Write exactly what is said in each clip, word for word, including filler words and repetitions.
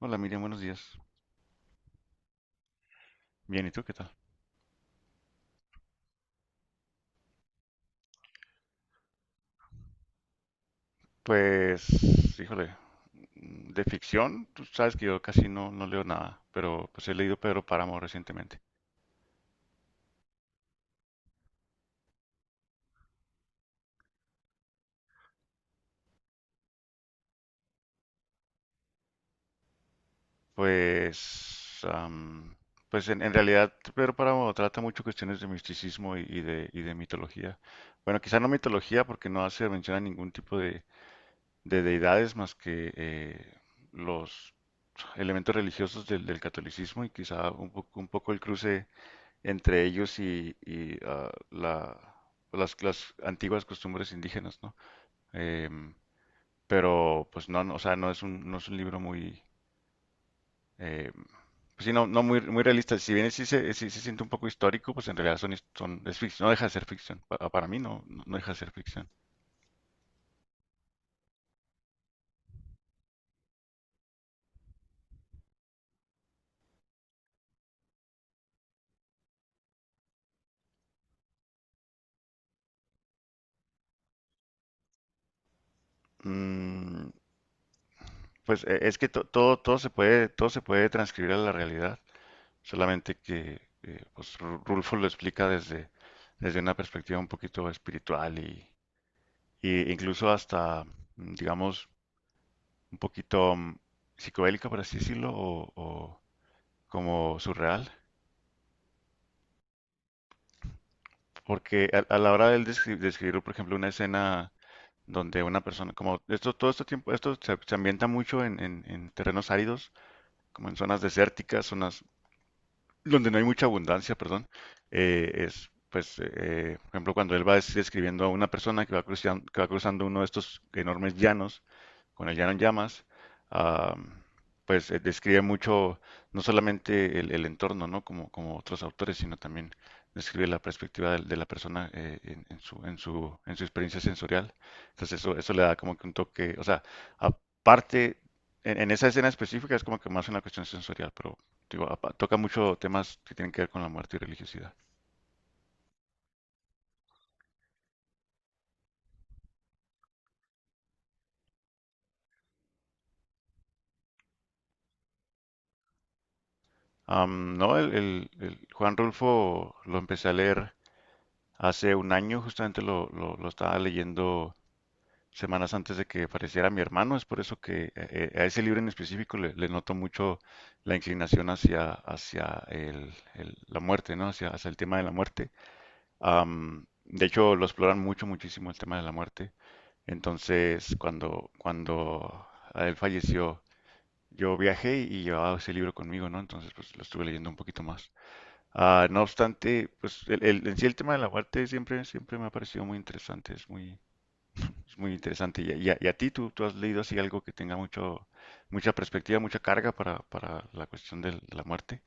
Hola Miriam, buenos días. Bien, ¿y tú qué tal? Pues, híjole, mm, de ficción, tú sabes que yo casi no, no leo nada, pero pues he leído Pedro Páramo recientemente. Pues, am, pues en, en realidad Pedro Páramo trata mucho cuestiones de misticismo y, y de, y de mitología. Bueno, quizá no mitología porque no hace mención a ningún tipo de, de deidades más que eh, los elementos religiosos del, del catolicismo y quizá un poco, un poco el cruce entre ellos y, y, ah, la, las, las antiguas costumbres indígenas, ¿no? Em, pero pues no, no, o sea, no es un, no es un libro muy, eh, pues sí, no, no muy, muy realista. Si bien sí se, sí se siente un poco histórico, pues en realidad son, his- son, es ficción, no deja de ser ficción. Pa- Para mí, no, no no deja de ser ficción. Mm, pues eh, es que to- todo, todo se puede, todo se puede transcribir a la realidad, solamente que eh, pues, Ru- Rulfo lo explica desde, desde una perspectiva un poquito espiritual y, e incluso hasta, mm, digamos, un poquito mm, psicodélica, por así decirlo, o, o como surreal. Porque a, a la hora del descri- describir, por ejemplo, una escena donde una persona, como esto, todo este tiempo, esto se, se ambienta mucho en, en- en terrenos áridos, como en zonas desérticas, zonas donde no hay mucha abundancia, perdón, eh, es, pues, eh, por ejemplo, cuando él va des- describiendo a una persona que va cruzando, que va cruzando uno de estos enormes llanos, con el llano en llamas, ah, pues eh, describe mucho, no solamente el, el entorno, ¿no? Como, como otros autores, sino también describe la perspectiva de, de la persona eh, en, en su, en su, en su experiencia sensorial. Entonces eso, eso le da como que un toque, o sea, aparte, en, en esa escena específica es como que más una cuestión sensorial, pero digo, apa- toca mucho temas que tienen que ver con la muerte y religiosidad. Am, no, el, el- el Juan Rulfo lo empecé a leer hace un año, justamente lo, lo- lo estaba leyendo semanas antes de que falleciera mi hermano, es por eso que eh, eh, a ese libro en específico le, le noto mucho la inclinación hacia, hacia el- el- la muerte, ¿no? Hacia, hacia el tema de la muerte. Am, de hecho, lo exploran mucho, muchísimo el tema de la muerte. Entonces, cuando, cuando él falleció, yo viajé y llevaba ese libro conmigo, ¿no? Entonces, pues lo estuve leyendo un poquito más. Ah, no obstante, pues el, el- en sí el tema de la muerte siempre, siempre me ha parecido muy interesante, es muy, es muy interesante. Y, a, y a- y a ti, ¿tú, tú has leído así algo que tenga mucho, mucha perspectiva, mucha carga para, para la cuestión del- de la muerte?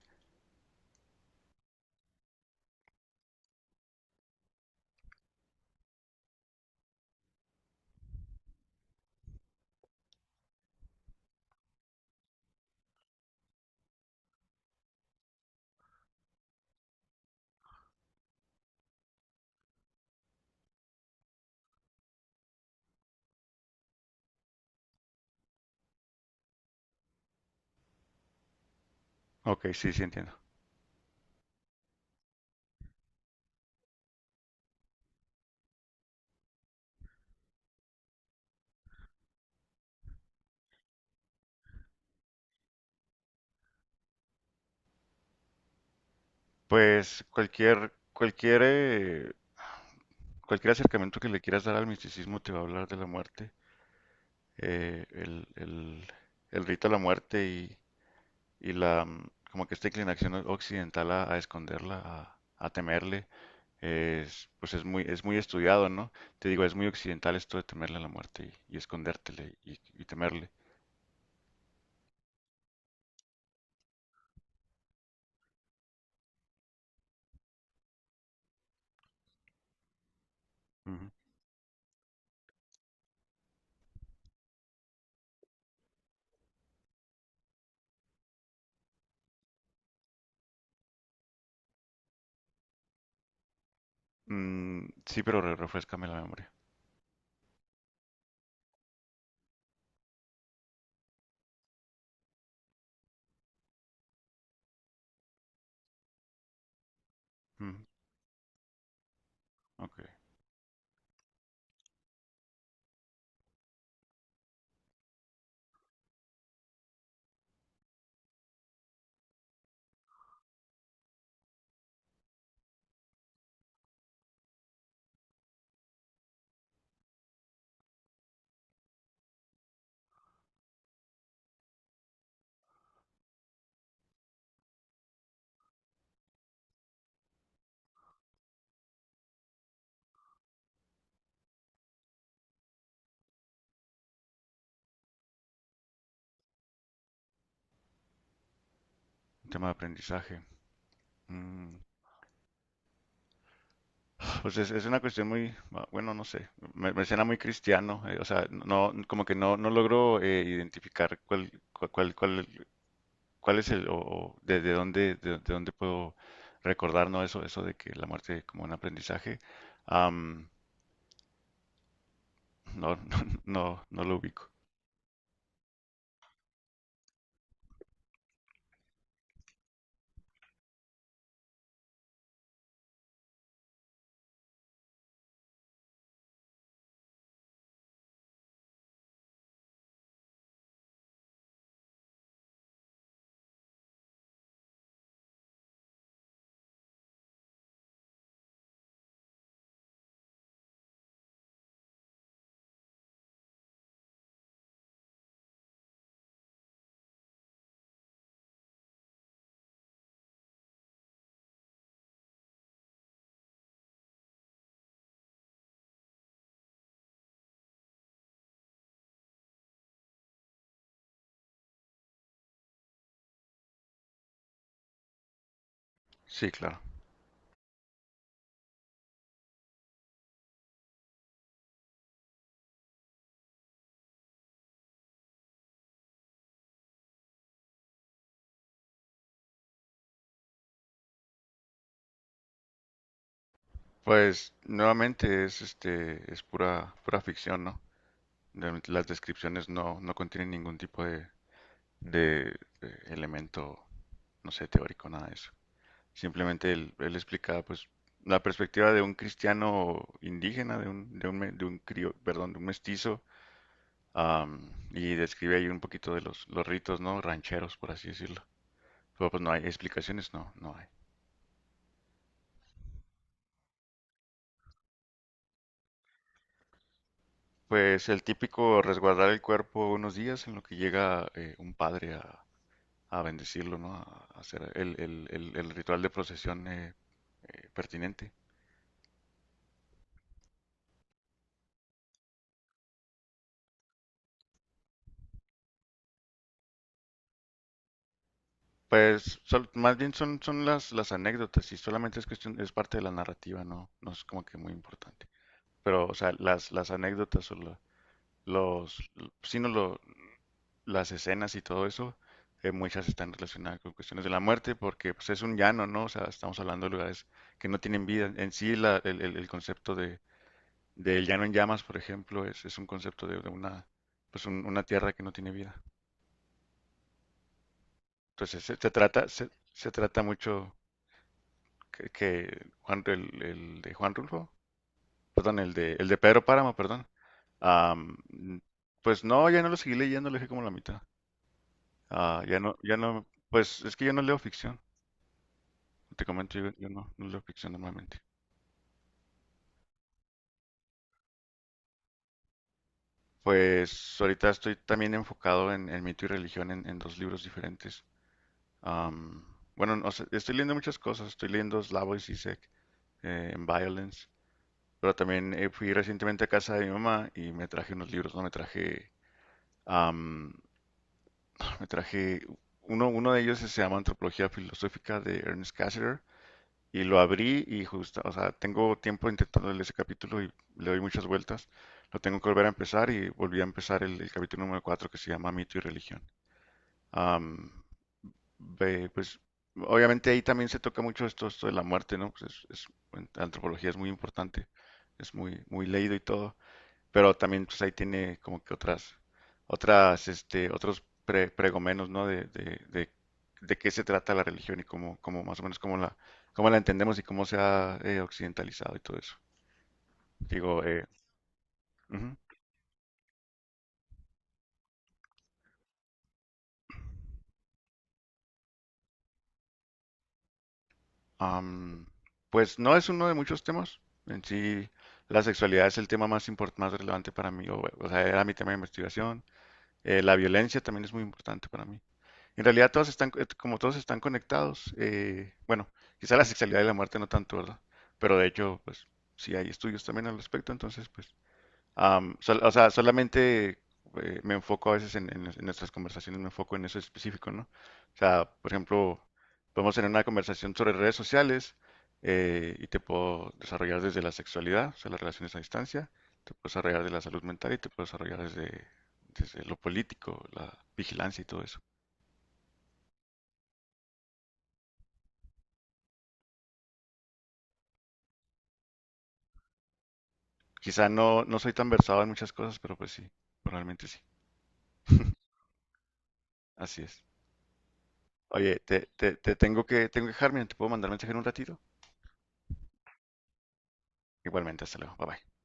Ok, sí, sí entiendo. Pues cualquier, cualquier, eh, cualquier acercamiento que le quieras dar al misticismo te va a hablar de la muerte, eh, el, el, el rito a la muerte y la mm, como que esta inclinación occidental a, a esconderla, a, a temerle, es, pues es muy, es muy estudiado, ¿no? Te digo, es muy occidental esto de temerle a la muerte y, y escondértele y, y temerle. Ujú. Mm, sí, pero re- refréscame la memoria. Mm, ok. Un tema de aprendizaje. Mm, pues es, es una cuestión muy, ah, bueno, no sé, me, me suena muy cristiano, eh, o sea, no, como que no, no logro eh, identificar cuál, cuál, cuál, cuál ¿cuál es el, o, o de, de dónde, de, de dónde puedo recordar, ¿no? Eso, eso de que la muerte como un aprendizaje. Am, no, no, no, no lo ubico. Sí, claro. Pues nuevamente es este, es pura, pura ficción, ¿no? Realmente las descripciones no, no contienen ningún tipo de, de, eh, elemento, no sé, teórico, nada de eso. Simplemente él, él explica, pues, la perspectiva de un cristiano indígena, de un, de un, me- de un crio- perdón, de un mestizo. Am, y describe ahí un poquito de los, los ritos, ¿no? Rancheros, por así decirlo. Pero pues no hay explicaciones, no, no hay. Pues el típico resguardar el cuerpo unos días en lo que llega eh, un padre a, a bendecirlo, ¿no? A hacer el, el- el- el ritual de procesión eh, eh, pertinente. Pues sol- más bien son, son las, las anécdotas y solamente es cuestión, es parte de la narrativa, ¿no? No es como que muy importante. Pero, o sea, las, las anécdotas o la- los, l- sí, no, lo, las escenas y todo eso, eh, muchas están relacionadas con cuestiones de la muerte, porque pues, es un llano, ¿no? O sea, estamos hablando de lugares que no tienen vida. En sí, la- el, el- el concepto de, del llano en llamas, por ejemplo, es, es un concepto de, de una, pues, un- una tierra que no tiene vida. Entonces, se, se trata, se, se trata mucho que, que Juan, el, el de Juan Rulfo, perdón, el de, el de Pedro Páramo, perdón. Am, mm, pues no, ya no lo seguí leyendo, lo dejé como la mitad. Ah, ya no, ya no, pues es que yo no leo ficción. Te comento, yo, yo no, no leo ficción normalmente. Pues ahorita estoy también enfocado en, en mito y religión en, en dos libros diferentes. Am, bueno, no sé, estoy leyendo muchas cosas. Estoy leyendo Slavoj Zizek eh, en Violence, pero también eh, fui recientemente a casa de mi mamá y me traje unos libros, ¿no? Me traje, am, me traje, uno, uno de ellos se llama Antropología Filosófica de Ernest Cassirer. Y lo abrí y justo, o sea, tengo tiempo intentando leer ese capítulo y le doy muchas vueltas. Lo tengo que volver a empezar y volví a empezar el, el capítulo número cuatro que se llama Mito y Religión. Am, ve, pues obviamente ahí también se toca mucho esto, esto de la muerte, ¿no? Pues es, es- en antropología es muy importante, es muy, muy leído y todo, pero también pues ahí tiene como que otras, otras, este, otros pre- pregomenos, ¿no? De, de, de, de qué se trata la religión y cómo, cómo más o menos cómo la, cómo la entendemos y cómo se ha eh, occidentalizado y todo eso. Digo, eh, ujú. Am, pues no es uno de muchos temas. En sí, la sexualidad es el tema más import- más relevante para mí, o, o sea, era mi tema de investigación. Eh, la violencia también es muy importante para mí. En realidad todas están, eh, como todos están conectados, eh, bueno, quizá la sexualidad y la muerte no tanto, ¿verdad? Pero de hecho, pues sí hay estudios también al respecto, entonces pues, am, sol- o sea, solamente eh, me enfoco a veces en, en- en nuestras conversaciones, me enfoco en eso específico, ¿no? O sea, por ejemplo, podemos tener una conversación sobre redes sociales eh, y te puedo desarrollar desde la sexualidad, o sea, las relaciones a distancia, te puedo desarrollar de la salud mental y te puedo desarrollar desde, desde lo político, la vigilancia y todo eso. Quizá no, no soy tan versado en muchas cosas, pero pues sí, realmente sí. Así es. Oye, te, te, te tengo que, tengo que dejar, mira, te puedo mandar mensaje en un ratito. Igualmente, hasta luego. Bye bye.